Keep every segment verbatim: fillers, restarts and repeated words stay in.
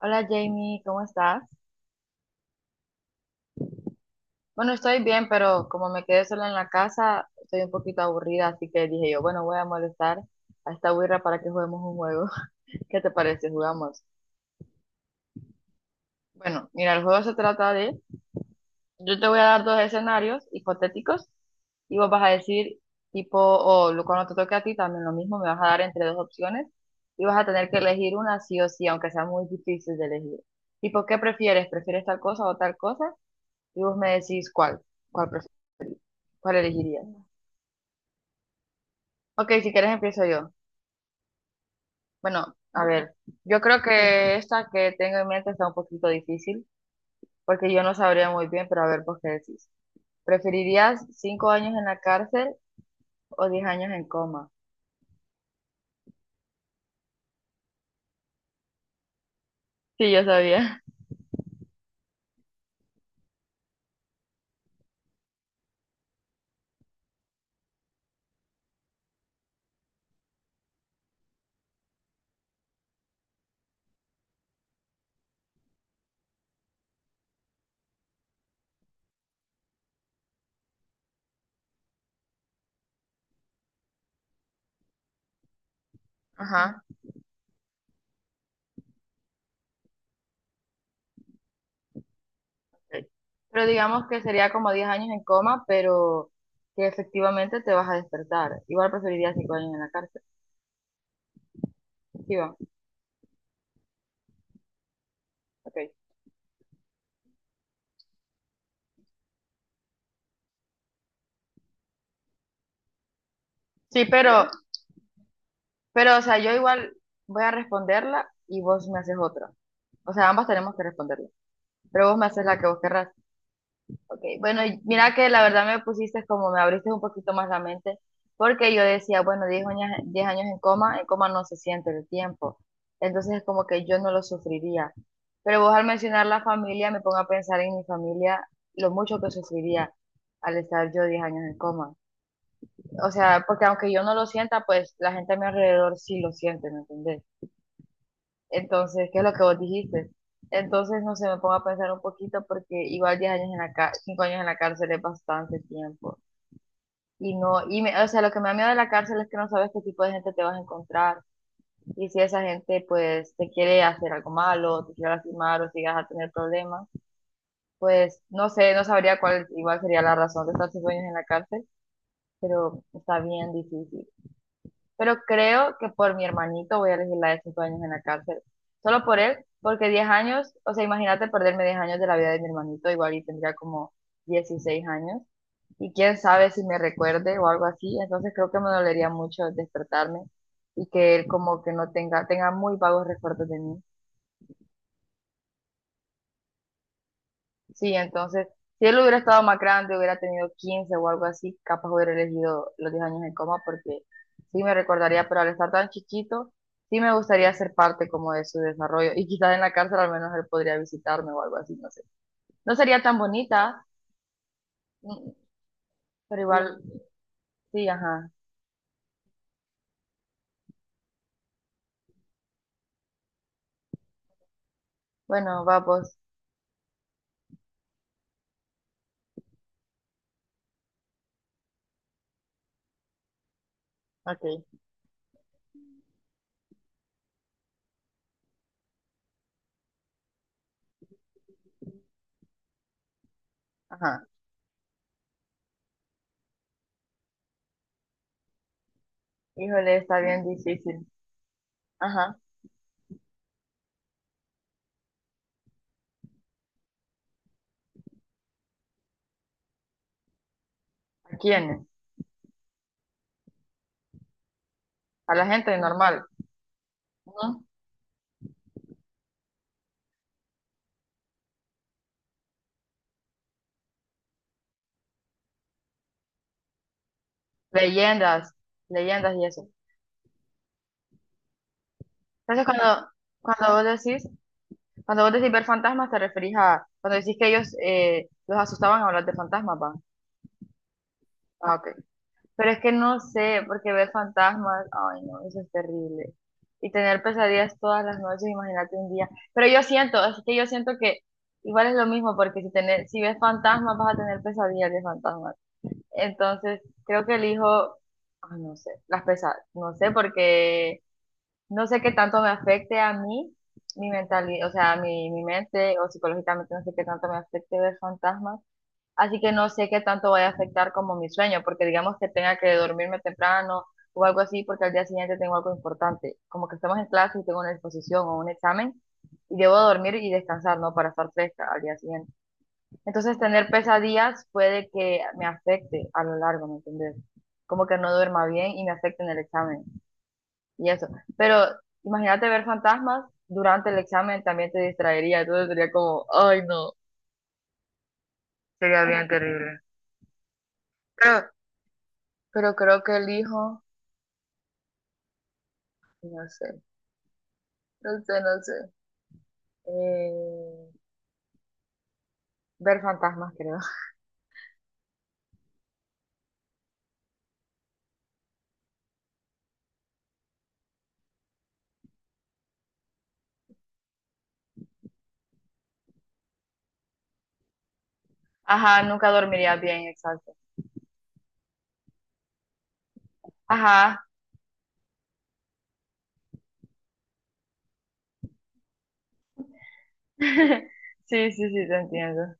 Hola Jamie, ¿cómo estás? Bueno, estoy bien, pero como me quedé sola en la casa, estoy un poquito aburrida, así que dije yo, bueno, voy a molestar a esta güira para que juguemos un juego. ¿Qué te parece? Jugamos. Bueno, mira, el juego se trata de, yo te voy a dar dos escenarios hipotéticos y vos vas a decir tipo, o lo- cuando te toque a ti también lo mismo, me vas a dar entre dos opciones y vas a tener que elegir una sí o sí, aunque sea muy difícil de elegir. Tipo, ¿qué prefieres? ¿Prefieres tal cosa o tal cosa? Y vos me decís cuál, cuál prefieres. ¿Cuál elegirías? Ok, si quieres empiezo yo. Bueno, a ver, yo creo que esta que tengo en mente está un poquito difícil, porque yo no sabría muy bien, pero a ver, pues qué decís. ¿Preferirías cinco años en la cárcel o diez años en coma? Sí, yo sabía. Ajá. Ok. Pero digamos que sería como diez años en coma, pero que efectivamente te vas a despertar. Igual preferiría cinco años en la cárcel. Sí, va. Ok. Sí, pero, pero, o sea, yo igual voy a responderla y vos me haces otra. O sea, ambas tenemos que responderla. Pero vos me haces la que vos querrás. Ok, bueno, y mira que la verdad me pusiste como me abriste un poquito más la mente, porque yo decía, bueno, diez años, diez años en coma, en coma no se siente el tiempo, entonces es como que yo no lo sufriría. Pero vos al mencionar la familia, me pongo a pensar en mi familia, lo mucho que sufriría al estar yo diez años en coma. O sea, porque aunque yo no lo sienta, pues la gente a mi alrededor sí lo siente, ¿me entendés? Entonces, ¿qué es lo que vos dijiste? Entonces, no sé, me pongo a pensar un poquito porque igual diez años en la cárcel, cinco años en la cárcel es bastante tiempo. Y no, y me- o sea, lo que me da miedo de la cárcel es que no sabes qué tipo de gente te vas a encontrar. Y si esa gente, pues, te quiere hacer algo malo, te quiere lastimar o si vas a tener problemas, pues, no sé, no sabría cuál igual sería la razón de estar cinco años en la cárcel, pero está bien difícil. Pero creo que por mi hermanito voy a elegir la de cinco años en la cárcel. Solo por él, porque diez años, o sea, imagínate perderme diez años de la vida de mi hermanito, igual y tendría como dieciséis años. Y quién sabe si me recuerde o algo así, entonces creo que me dolería mucho despertarme y que él como que no tenga, tenga muy vagos recuerdos de mí. Sí, entonces, si él hubiera estado más grande, hubiera tenido quince o algo así, capaz hubiera elegido los diez años en coma porque sí me recordaría, pero al estar tan chiquito, sí me gustaría ser parte como de su desarrollo y quizás en la cárcel al menos él podría visitarme o algo así, no sé. No sería tan bonita, mm, pero igual, sí, ajá. Bueno, vamos, ok, ajá. Híjole, está bien difícil. Ajá. ¿A quiénes? A la gente normal. ¿No? Leyendas, leyendas y eso. Entonces cuando, cuando vos decís Cuando vos decís ver fantasmas, te referís a cuando decís que ellos eh, los asustaban a hablar de fantasmas, ¿va? Ah, ok. Pero es que no sé, porque ver fantasmas, ay, no, eso es terrible. Y tener pesadillas todas las noches, imagínate un día. Pero yo siento, es que yo siento que igual es lo mismo, porque si tener si ves fantasmas, vas a tener pesadillas de fantasmas. Entonces, creo que elijo, ay, no sé, las pesadillas, no sé, porque no sé qué tanto me afecte a mí, mi mentalidad, o sea, mi, mi mente o psicológicamente no sé qué tanto me afecte ver fantasmas. Así que no sé qué tanto vaya a afectar como mi sueño, porque digamos que tenga que dormirme temprano o algo así, porque al día siguiente tengo algo importante. Como que estamos en clase y tengo una exposición o un examen y debo dormir y descansar, ¿no? Para estar fresca al día siguiente. Entonces, tener pesadillas puede que me afecte a lo largo, ¿me entiendes? Como que no duerma bien y me afecte en el examen y eso. Pero imagínate ver fantasmas durante el examen también te distraería, entonces sería como, ay no, sería bien terrible. Pero, pero creo que elijo, no sé, no sé, no sé, eh, ver fantasmas creo. Ajá, nunca dormiría bien, exacto. Ajá, sí, sí, sí, te entiendo.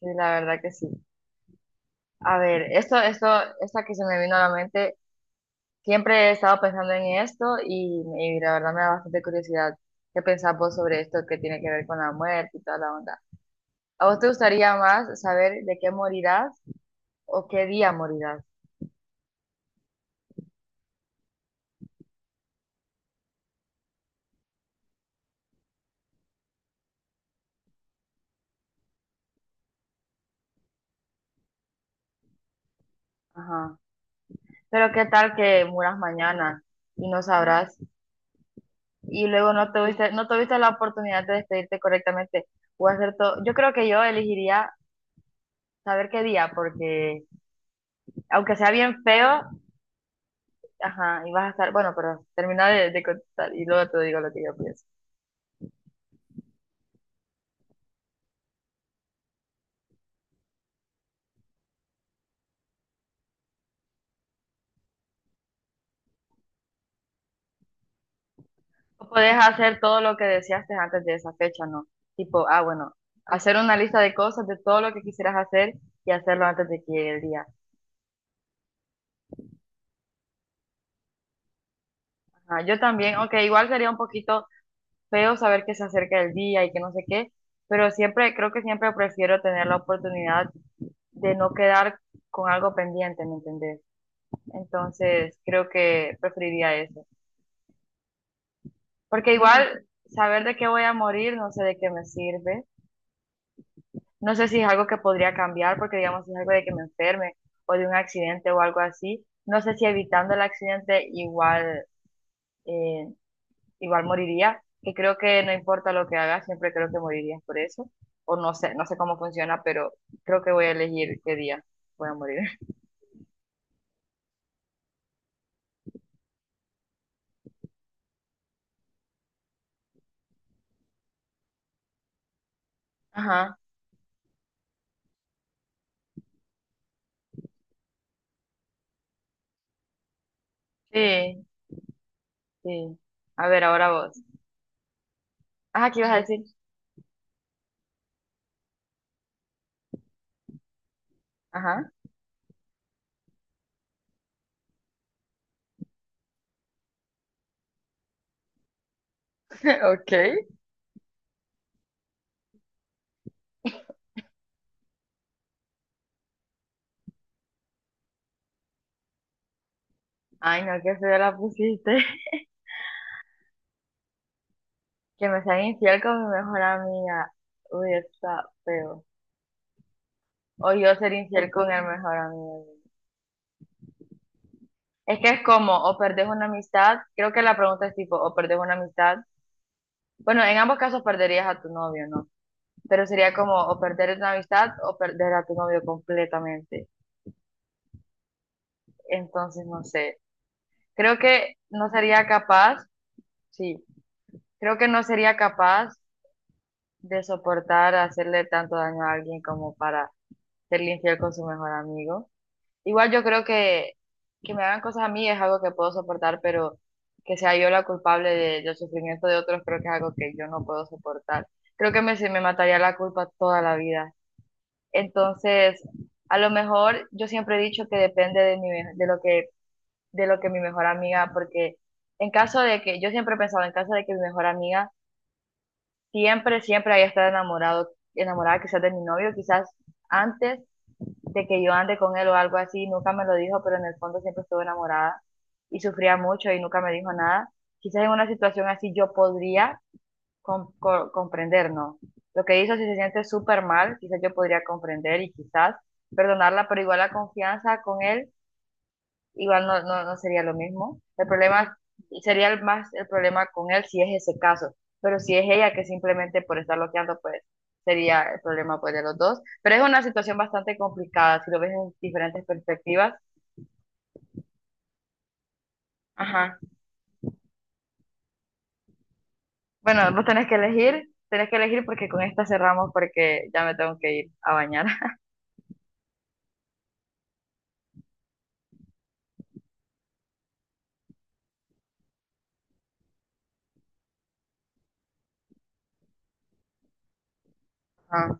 Sí, la verdad que sí. A ver, esto, esto, esta que se me vino a la mente. Siempre he estado pensando en esto y, y la verdad me da bastante curiosidad qué pensás vos sobre esto que tiene que ver con la muerte y toda la onda. ¿A vos te gustaría más saber de qué morirás o qué día morirás? Ajá. Pero qué tal que muras mañana y no sabrás y luego no tuviste, no tuviste la oportunidad de despedirte correctamente o hacer todo. Yo creo que yo elegiría saber qué día porque aunque sea bien feo, ajá, y vas a estar, bueno, pero termina de, de contestar y luego te digo lo que yo pienso. O podés hacer todo lo que deseaste antes de esa fecha, ¿no? Tipo, ah, bueno, hacer una lista de cosas, de todo lo que quisieras hacer y hacerlo antes de que llegue el día. Ajá, yo también, aunque igual sería un poquito feo saber que se acerca el día y que no sé qué, pero siempre, creo que siempre prefiero tener la oportunidad de no quedar con algo pendiente, ¿me entendés? Entonces, creo que preferiría eso. Porque igual saber de qué voy a morir, no sé de qué me sirve. No sé si es algo que podría cambiar, porque digamos, si es algo de que me enferme o de un accidente o algo así, no sé si evitando el accidente igual, eh, igual moriría, que creo que no importa lo que haga, siempre creo que morirías por eso, o no sé, no sé cómo funciona, pero creo que voy a elegir qué día voy a morir. Ajá, sí, sí. A ver, ahora vos. Ajá, ¿qué ibas a decir? Ajá, ok. Ay, no, qué feo la pusiste. Que me sea infiel con mi mejor amiga. Uy, está feo. O yo ser infiel con el mejor amigo. Es que es como, o perdés una amistad, creo que la pregunta es tipo, o perdés una amistad. Bueno, en ambos casos perderías a tu novio, ¿no? Pero sería como, o perder una amistad o perder a tu novio completamente. Entonces, no sé. Creo que no sería capaz, sí, creo que no sería capaz de soportar hacerle tanto daño a alguien como para serle infiel con su mejor amigo. Igual yo creo que que me hagan cosas a mí es algo que puedo soportar, pero que sea yo la culpable de- del sufrimiento de otros creo que es algo que yo no puedo soportar. Creo que me, se me mataría la culpa toda la vida. Entonces, a lo mejor yo siempre he dicho que depende de mi, me- de lo que, de lo que mi mejor amiga, porque en caso de que, yo siempre he pensado, en caso de que mi mejor amiga siempre, siempre haya estado enamorado, enamorada quizás de mi novio, quizás antes de que yo ande con él o algo así, nunca me lo dijo, pero en el fondo siempre estuve enamorada y sufría mucho y nunca me dijo nada. Quizás en una situación así yo podría com- co- comprender, ¿no? Lo que hizo, si se siente súper mal, quizás yo podría comprender y quizás perdonarla, pero igual la confianza con él igual no, no, no sería lo mismo. El problema sería el más el problema con él si es ese caso, pero si es ella que simplemente por estar bloqueando, pues sería el problema pues, de los dos. Pero es una situación bastante complicada si lo ves en diferentes perspectivas. Ajá. Bueno, vos tenés que elegir, tenés que elegir porque con esta cerramos porque ya me tengo que ir a bañar. Ah,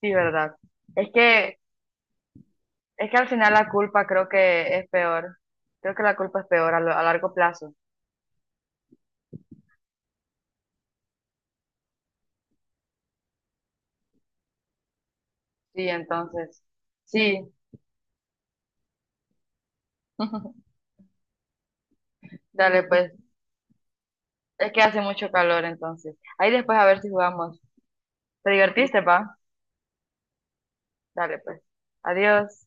sí, verdad. Es que, es que al final la culpa creo que es peor. Creo que la culpa es peor a, lo- a largo plazo. Sí, entonces, sí. Dale, pues. Es que hace mucho calor entonces. Ahí después a ver si jugamos. ¿Te divertiste, pa? Dale, pues. Adiós.